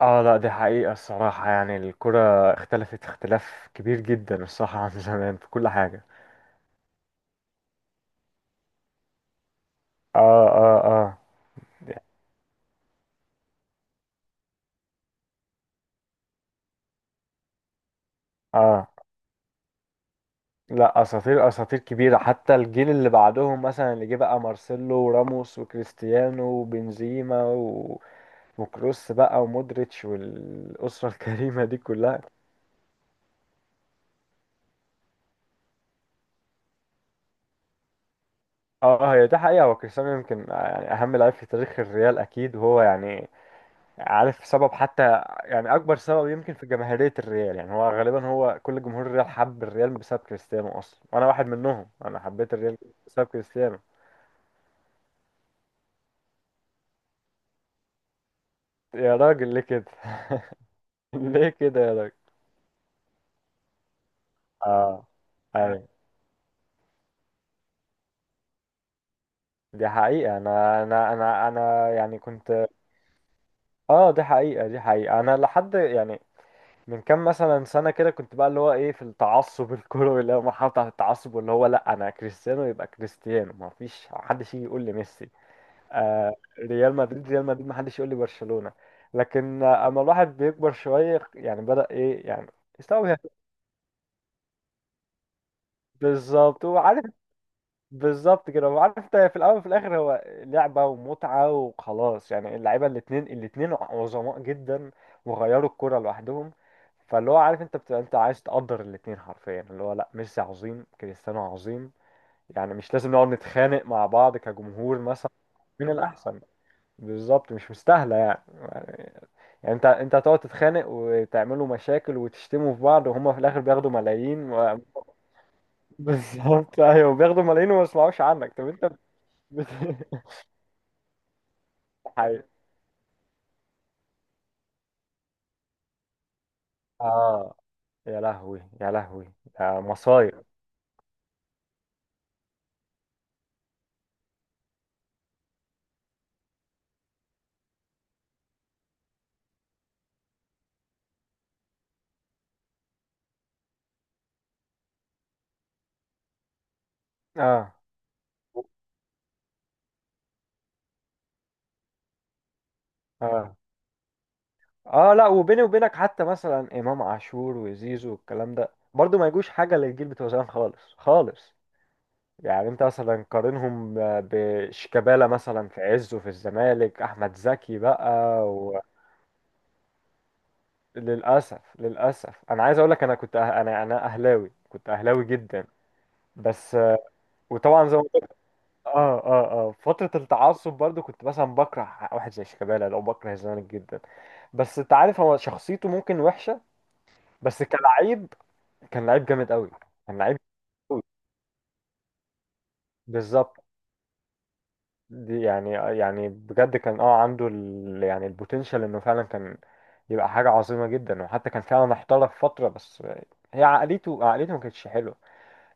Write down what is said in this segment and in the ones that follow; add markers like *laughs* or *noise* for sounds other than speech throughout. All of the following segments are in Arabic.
اه لا دي حقيقة الصراحة الكرة اختلفت اختلاف كبير جدا الصراحة *laughs* عن زمان في كل حاجة. اه اه اه اه لا، اساطير، اساطير كبيرة، حتى الجيل اللي بعدهم مثلا، اللي جه بقى مارسيلو وراموس وكريستيانو وبنزيما وكروس بقى ومودريتش والأسرة *laughs* الكريمة دي كلها. اه، هي دي حقيقة، هو كريستيانو يمكن يعني أهم لاعب في تاريخ الريال أكيد، وهو يعني عارف سبب، حتى يعني اكبر سبب يمكن في جماهيرية الريال، يعني هو غالبا هو كل جمهور الريال حب الريال بسبب كريستيانو اصلا، واحد منهم، انا حبيت الريال بسبب كريستيانو. يا راجل ليه كده؟ *laughs* ليه كده يا راجل؟ اه ايوه دي حقيقة، انا يعني كنت، اه دي حقيقة، دي حقيقة، انا لحد يعني من كام مثلا سنة كده كنت بقى اللي هو ايه، في التعصب *laughs* الكروي، اللي هو مرحلة بتاعة التعصب، واللي هو لا انا كريستيانو يبقى كريستيانو، ما فيش حد يجي يقول لي ميسي، آه، ريال مدريد ريال مدريد، ما حدش يقول لي برشلونة. لكن آه، اما الواحد بيكبر شوية يعني بدأ ايه يعني يستوعب. بالظبط وعارف، بالظبط كده، وعارف انت في الاول وفي الاخر هو لعبة ومتعة وخلاص، يعني اللعيبة الاتنين، الاتنين عظماء جدا وغيروا الكرة لوحدهم. فاللي هو عارف انت بتبقى انت عايز تقدر الاتنين حرفيا، اللي هو لا ميسي عظيم كريستيانو عظيم، يعني مش لازم نقعد نتخانق مع بعض كجمهور مثلا مين الأحسن. بالظبط، مش مستاهلة يعني، يعني يعني انت هتقعد تتخانق وتعملوا مشاكل وتشتموا في بعض، وهما في الاخر بياخدوا ملايين *laughs* بالظبط ايوه بياخدوا ملايين وما يسمعوش عنك، طب انت بت... *laughs* حقيقي. اه، يا لهوي يا لهوي، ده مصايب. اه اه اه لا وبيني وبينك، حتى مثلا امام عاشور وزيزو والكلام ده برضو ما يجوش حاجه للجيل بتوع زمان، خالص خالص. يعني انت مثلا قارنهم بشيكابالا مثلا في عزه، في الزمالك احمد زكي بقى. للأسف للأسف، أنا عايز أقول لك، أنا كنت أنا أهلاوي، كنت أهلاوي جدا، بس آه، وطبعا زي ما قلت، اه فترة التعصب برضو، كنت مثلا بكره واحد زي شيكابالا أو بكره الزمالك جدا. بس أنت عارف هو شخصيته ممكن وحشة، بس كلاعب كان لعيب جامد قوي، كان لعيب قوي. بالظبط، دي يعني، يعني بجد كان اه عنده يعني البوتنشال إنه فعلا كان يبقى حاجة عظيمة جدا، وحتى كان فعلا احترف فترة. بس هي عقليته، عقليته ما كانتش حلوة،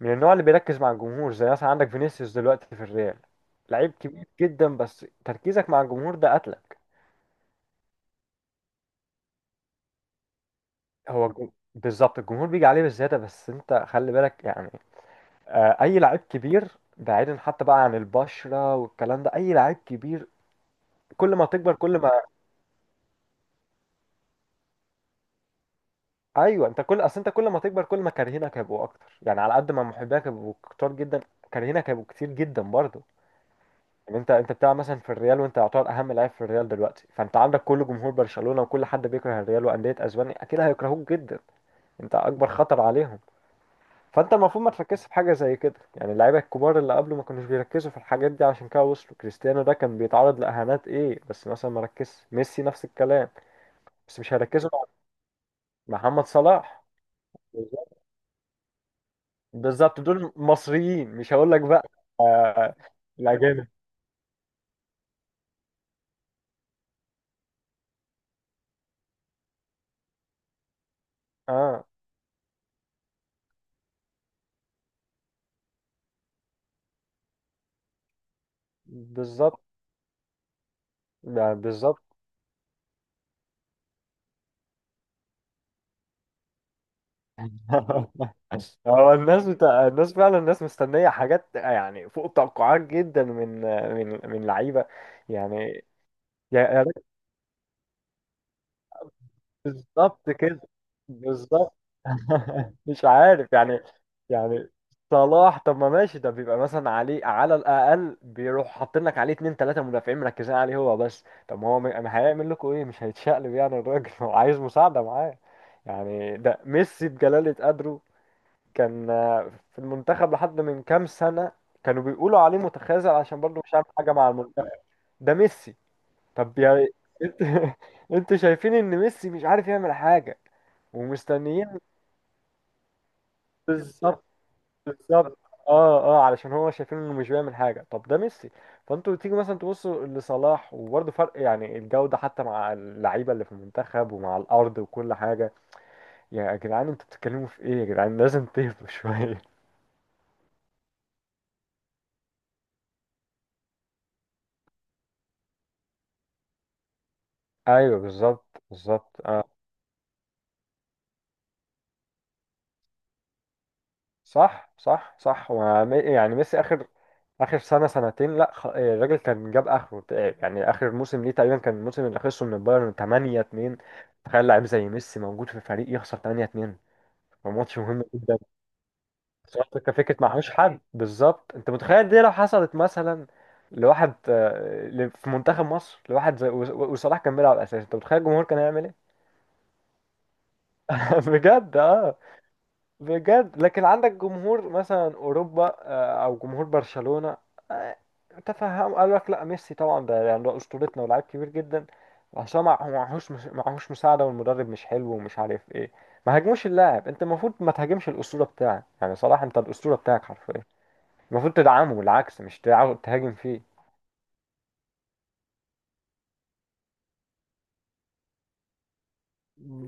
من النوع اللي بيركز مع الجمهور، زي مثلا عندك فينيسيوس دلوقتي في الريال، لعيب كبير جدا بس تركيزك مع الجمهور ده قتلك. بالظبط الجمهور بيجي عليه بالزيادة، بس انت خلي بالك يعني آه، اي لعيب كبير، بعيدا حتى بقى عن البشرة والكلام ده، اي لعيب كبير كل ما تكبر كل ما، ايوه انت كل اصل انت كل ما تكبر كل ما كارهينك هيبقوا اكتر، يعني على قد ما محبينك هيبقوا كتار جدا، كارهينك هيبقوا كتير جدا برضه. ان انت بتلعب مثلا في الريال، وانت يعتبر اهم لاعب في الريال دلوقتي، فانت عندك كل جمهور برشلونة وكل حد بيكره الريال واندية اسبانيا اكيد هيكرهوك جدا، انت اكبر خطر عليهم. فانت المفروض ما تركزش في حاجه زي كده، يعني اللعيبه الكبار اللي قبله ما كانوش بيركزوا في الحاجات دي عشان كده وصلوا. كريستيانو ده كان بيتعرض لاهانات ايه بس مثلا ما ركزش، ميسي نفس الكلام، بس مش هيركزوا مع محمد صلاح. بالظبط، بالظبط، دول مصريين مش هقول لك بقى آه، الاجانب. اه بالظبط، ده بالظبط. *laughs* هو الناس بتاع الناس فعلا، الناس مستنية حاجات يعني فوق التوقعات جدا من من لعيبة يعني. يا ريت، بالظبط كده، بالظبط *laughs* مش عارف يعني، يعني صلاح، طب ما ماشي، ده بيبقى مثلا عليه على الأقل بيروح حاطين لك عليه اتنين تلاتة مدافعين مركزين عليه هو بس، طب ما هو هيعمل لكم ايه، مش هيتشقلب يعني الراجل، *laughs* هو عايز مساعدة معاه يعني. ده ميسي بجلالة قدره، كان آه، في المنتخب لحد من كام سنة، كانوا بيقولوا عليه متخاذل عشان برضه مش عامل حاجة مع المنتخب. ده ميسي! طب يا انت، *laughs* انتوا شايفين ان ميسي مش عارف يعمل حاجة ومستنيين. بالظبط، بالظبط، اه اه علشان هو شايفين انه مش بيعمل حاجة، طب ده ميسي. فانتوا تيجي مثلا تبصوا لصلاح، وبرضه فرق يعني الجودة، حتى مع اللعيبة اللي في المنتخب ومع الأرض وكل حاجة. يا جدعان انتوا بتتكلموا في ايه؟ يا جدعان لازم تهدوا شوية. *laughs* ايوه بالظبط، بالظبط. صح صح صح، يعني ميسي اخر اخر سنه سنتين لا إيه، الراجل كان جاب اخره تعب. يعني اخر موسم ليه تقريبا كان الموسم اللي خسره من البايرن 8-2. تخيل لعيب زي ميسي موجود في فريق يخسر 8-2، وماتش مهم جدا. بس هو الفكره، فكره معهوش حد، بالظبط. انت متخيل دي لو حصلت مثلا لواحد آه، في منتخب مصر، لواحد زي وصلاح، كان بيلعب اساسي، انت متخيل الجمهور كان هيعمل ايه؟ *laughs* بجد اه، بجد. لكن عندك جمهور مثلا اوروبا آه، او جمهور برشلونة آه، تفهم، قال لك لا ميسي طبعا ده يعني ده اسطورتنا ولاعيب كبير جدا، عشان ما هو معهوش معهوش مساعدة، والمدرب مش حلو، ومش عارف ايه. ما هاجموش اللاعب، انت المفروض ما تهاجمش الاسطورة بتاعك، يعني صلاح انت الاسطورة بتاعك حرفيا، المفروض تدعمه، العكس مش تهاجم فيه.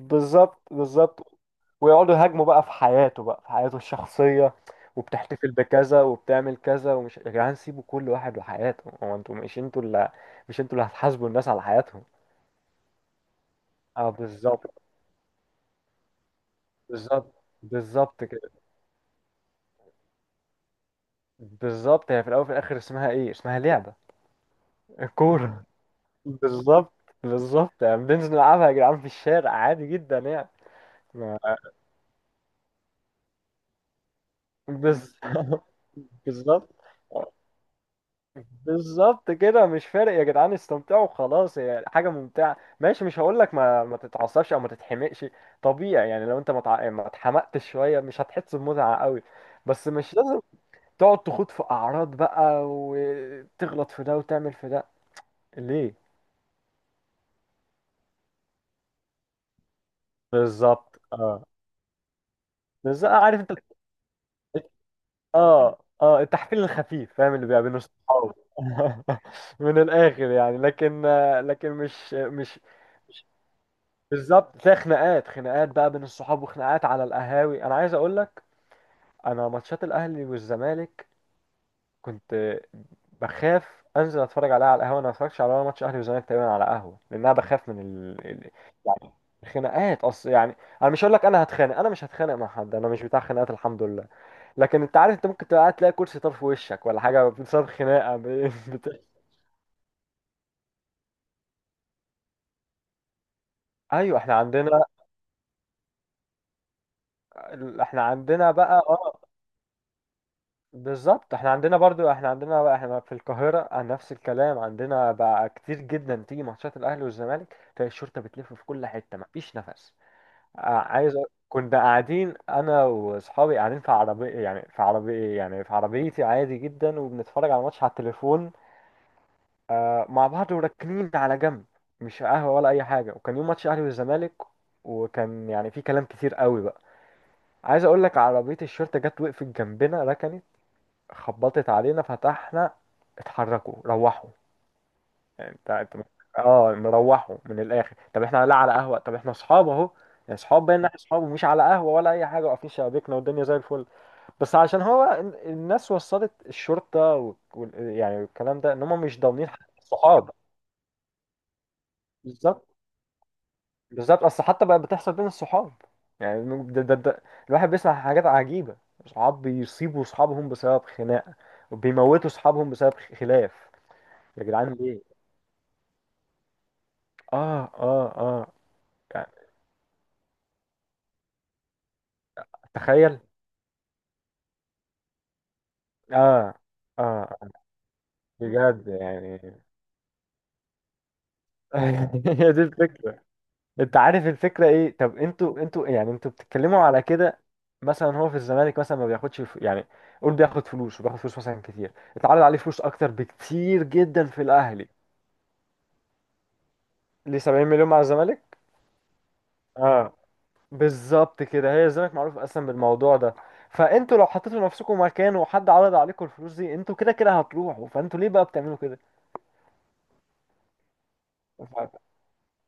بالظبط، بالظبط، ويقعدوا يهاجموا بقى في حياته، بقى في حياته الشخصية، وبتحتفل بكذا وبتعمل كذا، ومش، يا جدعان سيبوا كل واحد وحياته هو، انتوا مش انتوا اللي، مش انتوا اللي هتحاسبوا الناس على حياتهم. اه بالظبط، بالظبط، بالظبط كده. بالظبط هي في الاول وفي الاخر اسمها ايه، اسمها لعبة، كورة. *laughs* بالظبط، بالظبط، يعني بننزل نلعبها يا جدعان في الشارع عادي جدا يعني. ما- بز- *laughs* بالظبط، بالظبط كده مش فارق، يا جدعان استمتعوا خلاص، هي حاجه ممتعه ماشي، مش هقول لك ما ما تتعصبش او ما تتحمقش، طبيعي يعني، لو انت ما اتحمقتش شويه مش هتحس بمتعه قوي، بس مش لازم تقعد تخوض في اعراض بقى وتغلط في ده وتعمل في ده ليه. بالظبط اه، بالظبط عارف انت. اه اه *laughs* التحفيل الخفيف، فاهم اللي بيبقى بين الصحاب. *laughs* من الاخر يعني، لكن، لكن مش مش بالظبط. تلاقي خناقات، خناقات بقى بين الصحاب، وخناقات على القهاوي. انا عايز اقول لك، انا ماتشات الاهلي والزمالك كنت بخاف انزل اتفرج عليها على القهوه، انا ما اتفرجش على ولا ماتش اهلي وزمالك تقريبا على قهوه، لان انا بخاف من يعني الخناقات. اصل يعني انا مش هقول لك انا هتخانق، انا مش هتخانق مع حد، انا مش بتاع خناقات الحمد لله، لكن انت عارف انت ممكن تبقى قاعد تلاقي كرسي طرف وشك ولا حاجه بسبب خناقه *laughs* بت... ايوه احنا عندنا، احنا عندنا بقى اه، بالظبط احنا عندنا برضو، احنا عندنا بقى، احنا في القاهرة عن نفس الكلام، عندنا بقى كتير جدا تيجي ماتشات الاهلي والزمالك تلاقي الشرطة بتلف في كل حتة، مفيش نفس. اه، كنا قاعدين انا واصحابي، قاعدين في عربية يعني، في عربية يعني في عربيتي عادي جدا، وبنتفرج على ماتش على التليفون اه، مع بعض وراكنين على جنب، مش قهوة ولا اي حاجة، وكان يوم ماتش الاهلي والزمالك، وكان يعني في كلام كتير قوي بقى. عايز اقول لك عربية الشرطة جت وقفت جنبنا، ركنت، خبطت علينا، فتحنا، اتحركوا، روحوا. يعني انت انت اه نروحوا من الاخر، طب احنا لا على قهوه، طب احنا اصحاب اهو، يعني اصحاب بين، احنا اصحاب ومش على قهوه ولا اي حاجه، واقفين شبابيكنا والدنيا زي الفل، بس عشان هو الناس وصلت الشرطه يعني الكلام ده، ان هم مش ضامنين حق الصحاب. بالظبط، بالظبط، اصل حتى بقى بتحصل بين الصحاب، يعني ده ده ده الواحد بيسمع حاجات عجيبه، صحاب بيصيبوا صحابهم بسبب خناقه، وبيموتوا صحابهم بسبب خلاف. يا جدعان ليه، اه اه اه يعني تخيل، اه اه، بجد يعني. *laughs* هي دي الفكرة. انت عارف الفكرة ايه؟ طب انتوا يعني انتوا بتتكلموا على كده، مثلا هو في الزمالك مثلا ما بياخدش يعني قول بياخد فلوس، وبياخد فلوس مثلا كتير، اتعرض عليه فلوس اكتر بكتير جدا في الاهلي. ليه؟ 70 مليون مع الزمالك اه، بالظبط كده، هي الزمالك معروف اصلا بالموضوع ده، فانتوا لو حطيتوا نفسكم مكانه وحد عرض عليكم الفلوس دي، انتوا كده كده هتروحوا، فانتوا ليه بقى بتعملوا كده؟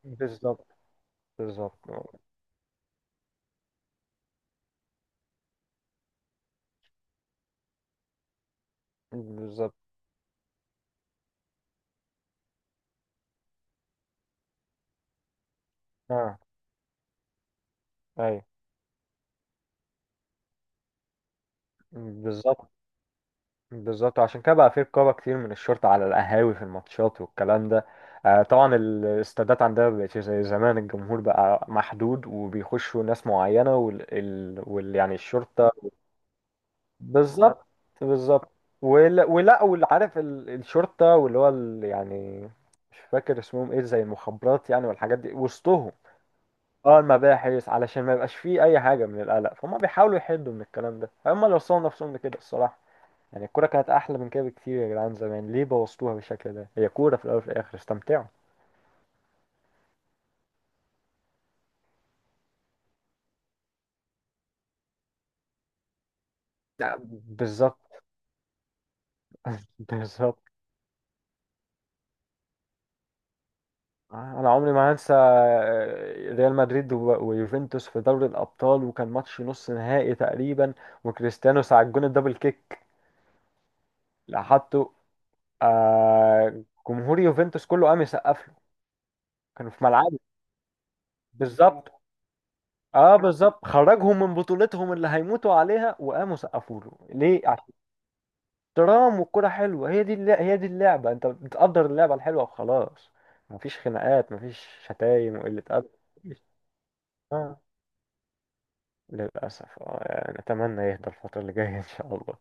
بالظبط، بالظبط، بالظبط اه ايوه، بالظبط، بالظبط. عشان كده بقى في رقابة كتير من الشرطة على القهاوي في الماتشات والكلام ده. آه طبعا الاستادات عندنا مبقتش زي زمان، الجمهور بقى محدود وبيخشوا ناس معينة يعني الشرطة. بالظبط، بالظبط. ولا ولا واللي عارف الشرطة، واللي هو يعني مش فاكر اسمهم ايه، زي المخابرات يعني والحاجات دي وسطهم. اه المباحث، علشان ما يبقاش فيه اي حاجه من القلق، فهم بيحاولوا يحدوا من الكلام ده، هم اللي وصلوا نفسهم لكده الصراحه. يعني الكوره كانت احلى من كده بكتير يا جدعان، زمان ليه بوظتوها بالشكل ده، هي كوره في الاول وفي الاخر، استمتعوا. لا، بالظبط. *laughs* بالظبط. انا عمري ما هنسى آه، ريال مدريد ويوفنتوس في دوري الابطال، وكان ماتش نص نهائي تقريبا، وكريستيانو ساعة جون الدبل كيك اللي حطه آه، جمهور يوفنتوس كله قام يسقف له، كانوا في ملعبه. بالظبط، اه بالظبط، خرجهم من بطولتهم اللي هيموتوا عليها وقاموا سقفوا له ليه؟ عشان احترام، والكرة حلوة، هي دي هي دي اللعبة، انت بتقدر اللعبة الحلوة وخلاص، مفيش خناقات، مفيش شتايم وقلة أدب. مفيش- اه للأسف، اه يعني أتمنى يهدى الفترة اللي جاية إن شاء الله.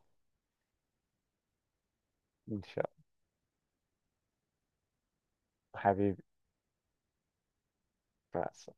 إن شاء الله حبيبي مع